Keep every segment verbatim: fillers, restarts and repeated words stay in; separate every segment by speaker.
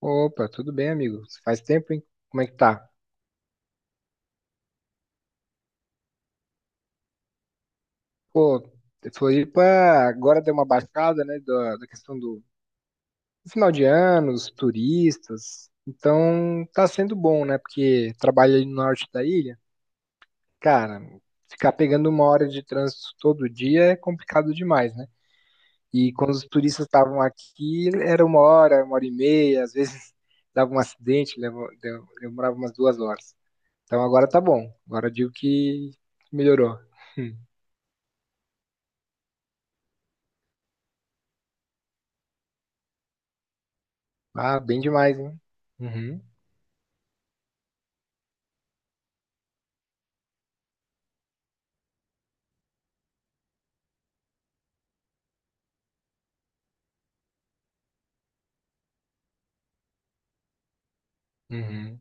Speaker 1: Opa, tudo bem, amigo? Faz tempo, hein? Como é que tá? Pô, Floripa agora deu uma baixada, né, da, da questão do do final de ano, os turistas. Então, tá sendo bom, né? Porque trabalho ali no norte da ilha, cara, ficar pegando uma hora de trânsito todo dia é complicado demais, né? E quando os turistas estavam aqui, era uma hora, uma hora e meia, às vezes dava um acidente, leva- de- demorava umas duas horas. Então agora tá bom. Agora eu digo que melhorou. Ah, bem demais, hein? Uhum, uhum,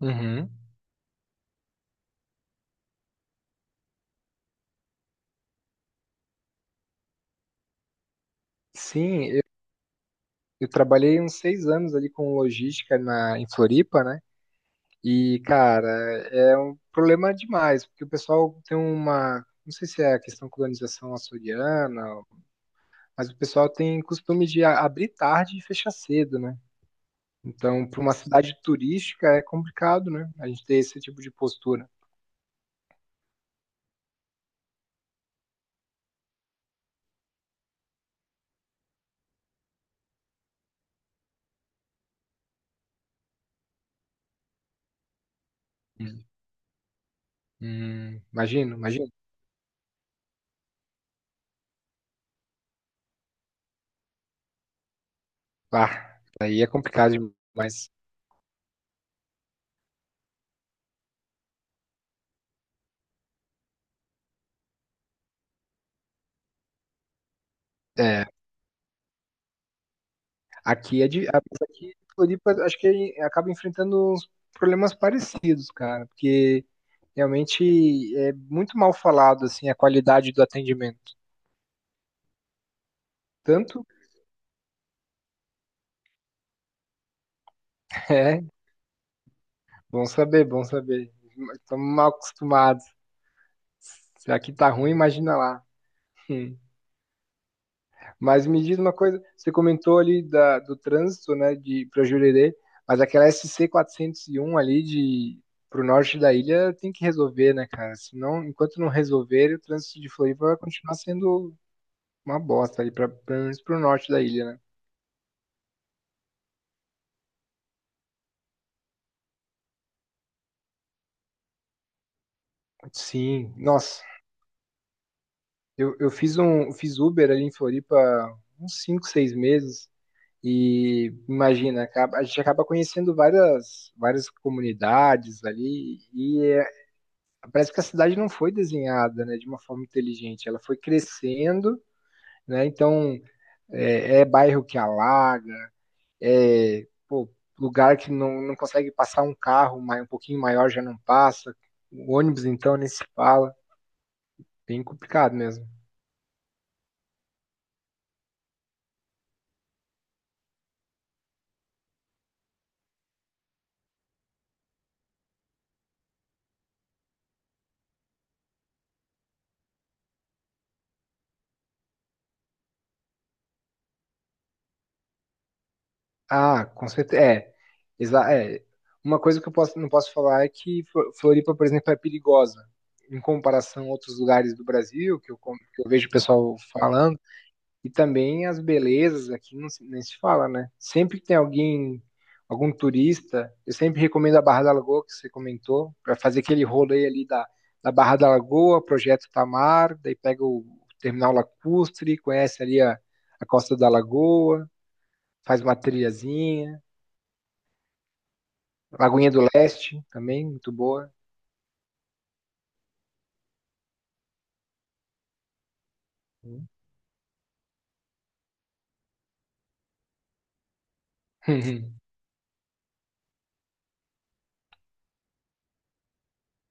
Speaker 1: uhum. Sim, eu, eu trabalhei uns seis anos ali com logística na, em Floripa, né? E, cara, é um problema demais, porque o pessoal tem uma. Não sei se é a questão colonização açoriana, mas o pessoal tem costume de a- abrir tarde e fechar cedo, né? Então, para uma cidade turística é complicado, né? A gente ter esse tipo de postura. Hum, hum, imagino, imagino. Ah, aí é complicado demais. É, aqui é de, a mesa aqui em Floripa, acho que acaba enfrentando uns problemas parecidos, cara, porque realmente é muito mal falado assim a qualidade do atendimento. Tanto é, bom saber, bom saber. Estamos mal acostumados. Se aqui tá ruim, imagina lá. Hum. Mas me diz uma coisa, você comentou ali da, do trânsito, né, de para Jurerê, mas aquela S C quatrocentos e um ali de pro norte da ilha tem que resolver, né, cara? Senão, enquanto não resolver, o trânsito de Floripa vai continuar sendo uma bosta ali para pelo menos pro norte da ilha, né? Sim, nossa, eu, eu fiz um fiz Uber ali em Floripa uns cinco, seis meses. E imagina, acaba- a gente acaba conhecendo várias, várias comunidades ali, e é parece que a cidade não foi desenhada, né, de uma forma inteligente. Ela foi crescendo, né? Então é, é bairro que alaga, é pô, lugar que não, não consegue passar um carro mai- um pouquinho maior já não passa. O ônibus então nem se fala. Bem complicado mesmo. Ah, com certeza. É, exa- é. Uma coisa que eu posso, não posso falar é que Flo- Floripa, por exemplo, é perigosa. Em comparação a outros lugares do Brasil, que eu, con- que eu vejo o pessoal falando. E também as belezas aqui não se, nem se fala, né? Sempre que tem alguém, algum turista, eu sempre recomendo a Barra da Lagoa, que você comentou, para fazer aquele rolê ali da, da, Barra da Lagoa, Projeto Tamar, daí pega o Terminal Lacustre, conhece ali a, a Costa da Lagoa, faz uma trilhazinha, Lagoinha do Leste também, muito boa.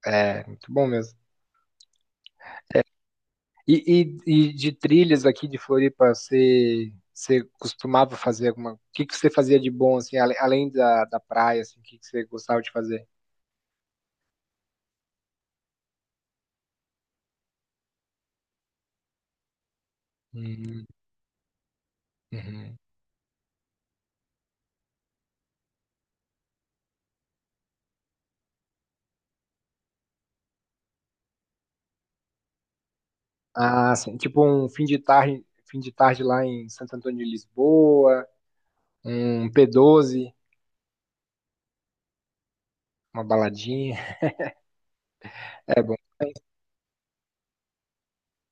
Speaker 1: É, muito bom mesmo. E, e, e de trilhas aqui de Floripa, você, você costumava fazer alguma. O que, que você fazia de bom, assim, ale- além da, da praia, assim, o que, que você gostava de fazer? Uhum, uhum. Ah, sim. Tipo um fim de tarde, fim de tarde lá em Santo Antônio de Lisboa, um P doze, uma baladinha. É bom.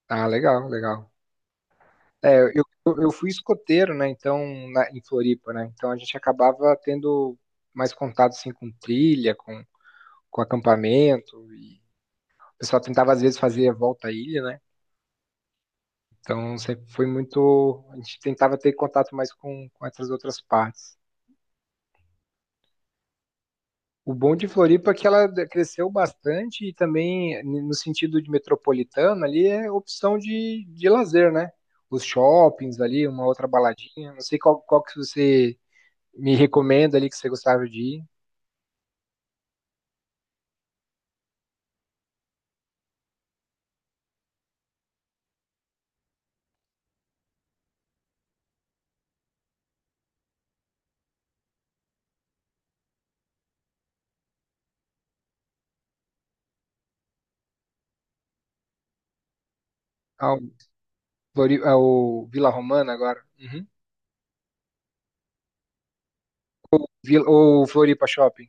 Speaker 1: Ah, legal, legal. É, eu, eu eu fui escoteiro, né? Então, na, em Floripa, né? Então a gente acabava tendo mais contato assim, com trilha, com, com acampamento. O pessoal tentava, às vezes, fazer a volta à ilha, né? Então, sempre foi muito. A gente tentava ter contato mais com, com essas outras partes. O bom de Floripa é que ela cresceu bastante e também, no sentido de metropolitana, ali é opção de, de lazer, né? Os shoppings ali, uma outra baladinha. Não sei qual, qual que você me recomenda ali que você gostava de ir. Ah, o, Flori- ah, o Vila Romana agora. Uhum. Vila, ou Floripa Shopping.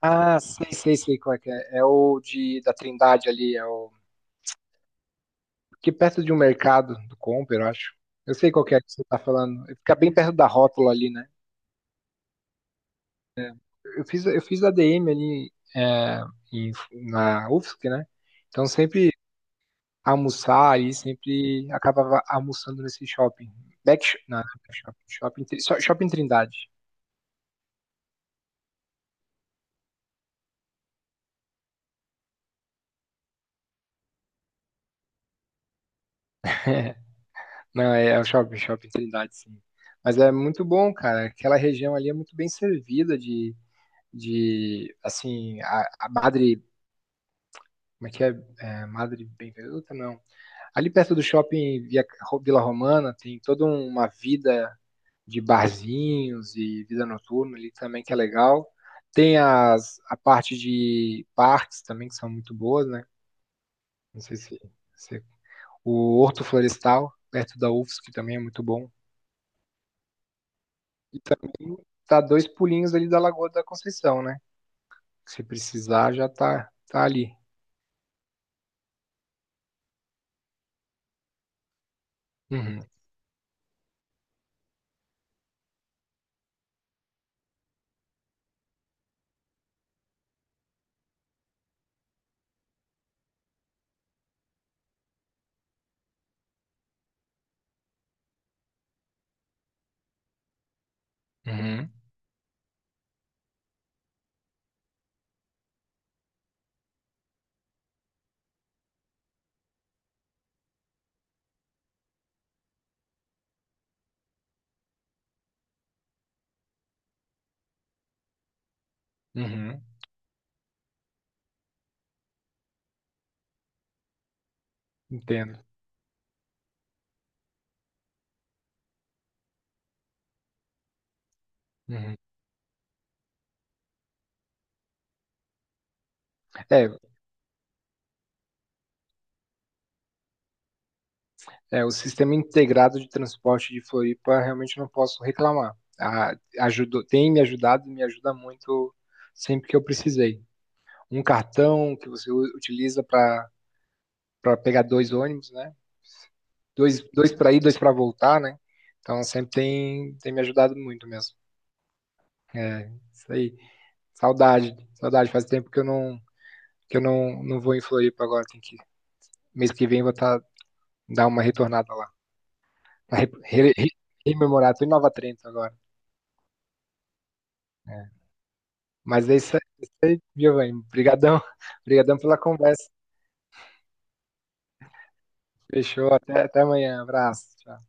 Speaker 1: Ah, sei, sei, sei qual é que é. É o de, da Trindade ali, é o que perto de um mercado do Comper, eu acho. Eu sei qual que é que você está falando. Fica bem perto da rótula ali, né? Eu fiz, eu fiz a ADM ali é, em- na U F S C, né? Então sempre almoçar ali, sempre acabava almoçando nesse shopping. Back, sh- não, não é back shopping, shopping, Tri- só- shopping Trindade. Não, é, é o shopping, shopping Trindade, sim. Mas é muito bom, cara. Aquela região ali é muito bem servida de, de assim, a, a Madre, como é que é? É, Madre Benvenuta, não. Ali perto do shopping Via- Vila Romana tem toda um, uma vida de barzinhos e vida noturna ali também que é legal. Tem as, a parte de parques também que são muito boas, né? Não sei se, se- o Horto Florestal, perto da U F S C, que também é muito bom. E também tá dois pulinhos ali da Lagoa da Conceição, né? Se precisar, já tá, tá ali. Uhum, uhum, uhum. Entendo. Uhum. É, É, o sistema integrado de transporte de Floripa, realmente não posso reclamar. A- ajudou, tem me ajudado e me ajuda muito sempre que eu precisei. Um cartão que você u- utiliza para para pegar dois ônibus, né? Dois, dois para ir, dois para voltar, né? Então sempre tem, tem me ajudado muito mesmo. É, isso aí. Saudade, saudade. Faz tempo que eu não que eu não, não vou em Floripa agora. Tem que, mês que vem eu vou tá, dar uma retornada lá. Pra re- re- re- rememorar, tô em Nova Trento agora. Mas é isso aí, é isso aí, Giovanni. Obrigadão, obrigadão pela conversa. Fechou, até, até amanhã. Abraço. Tchau.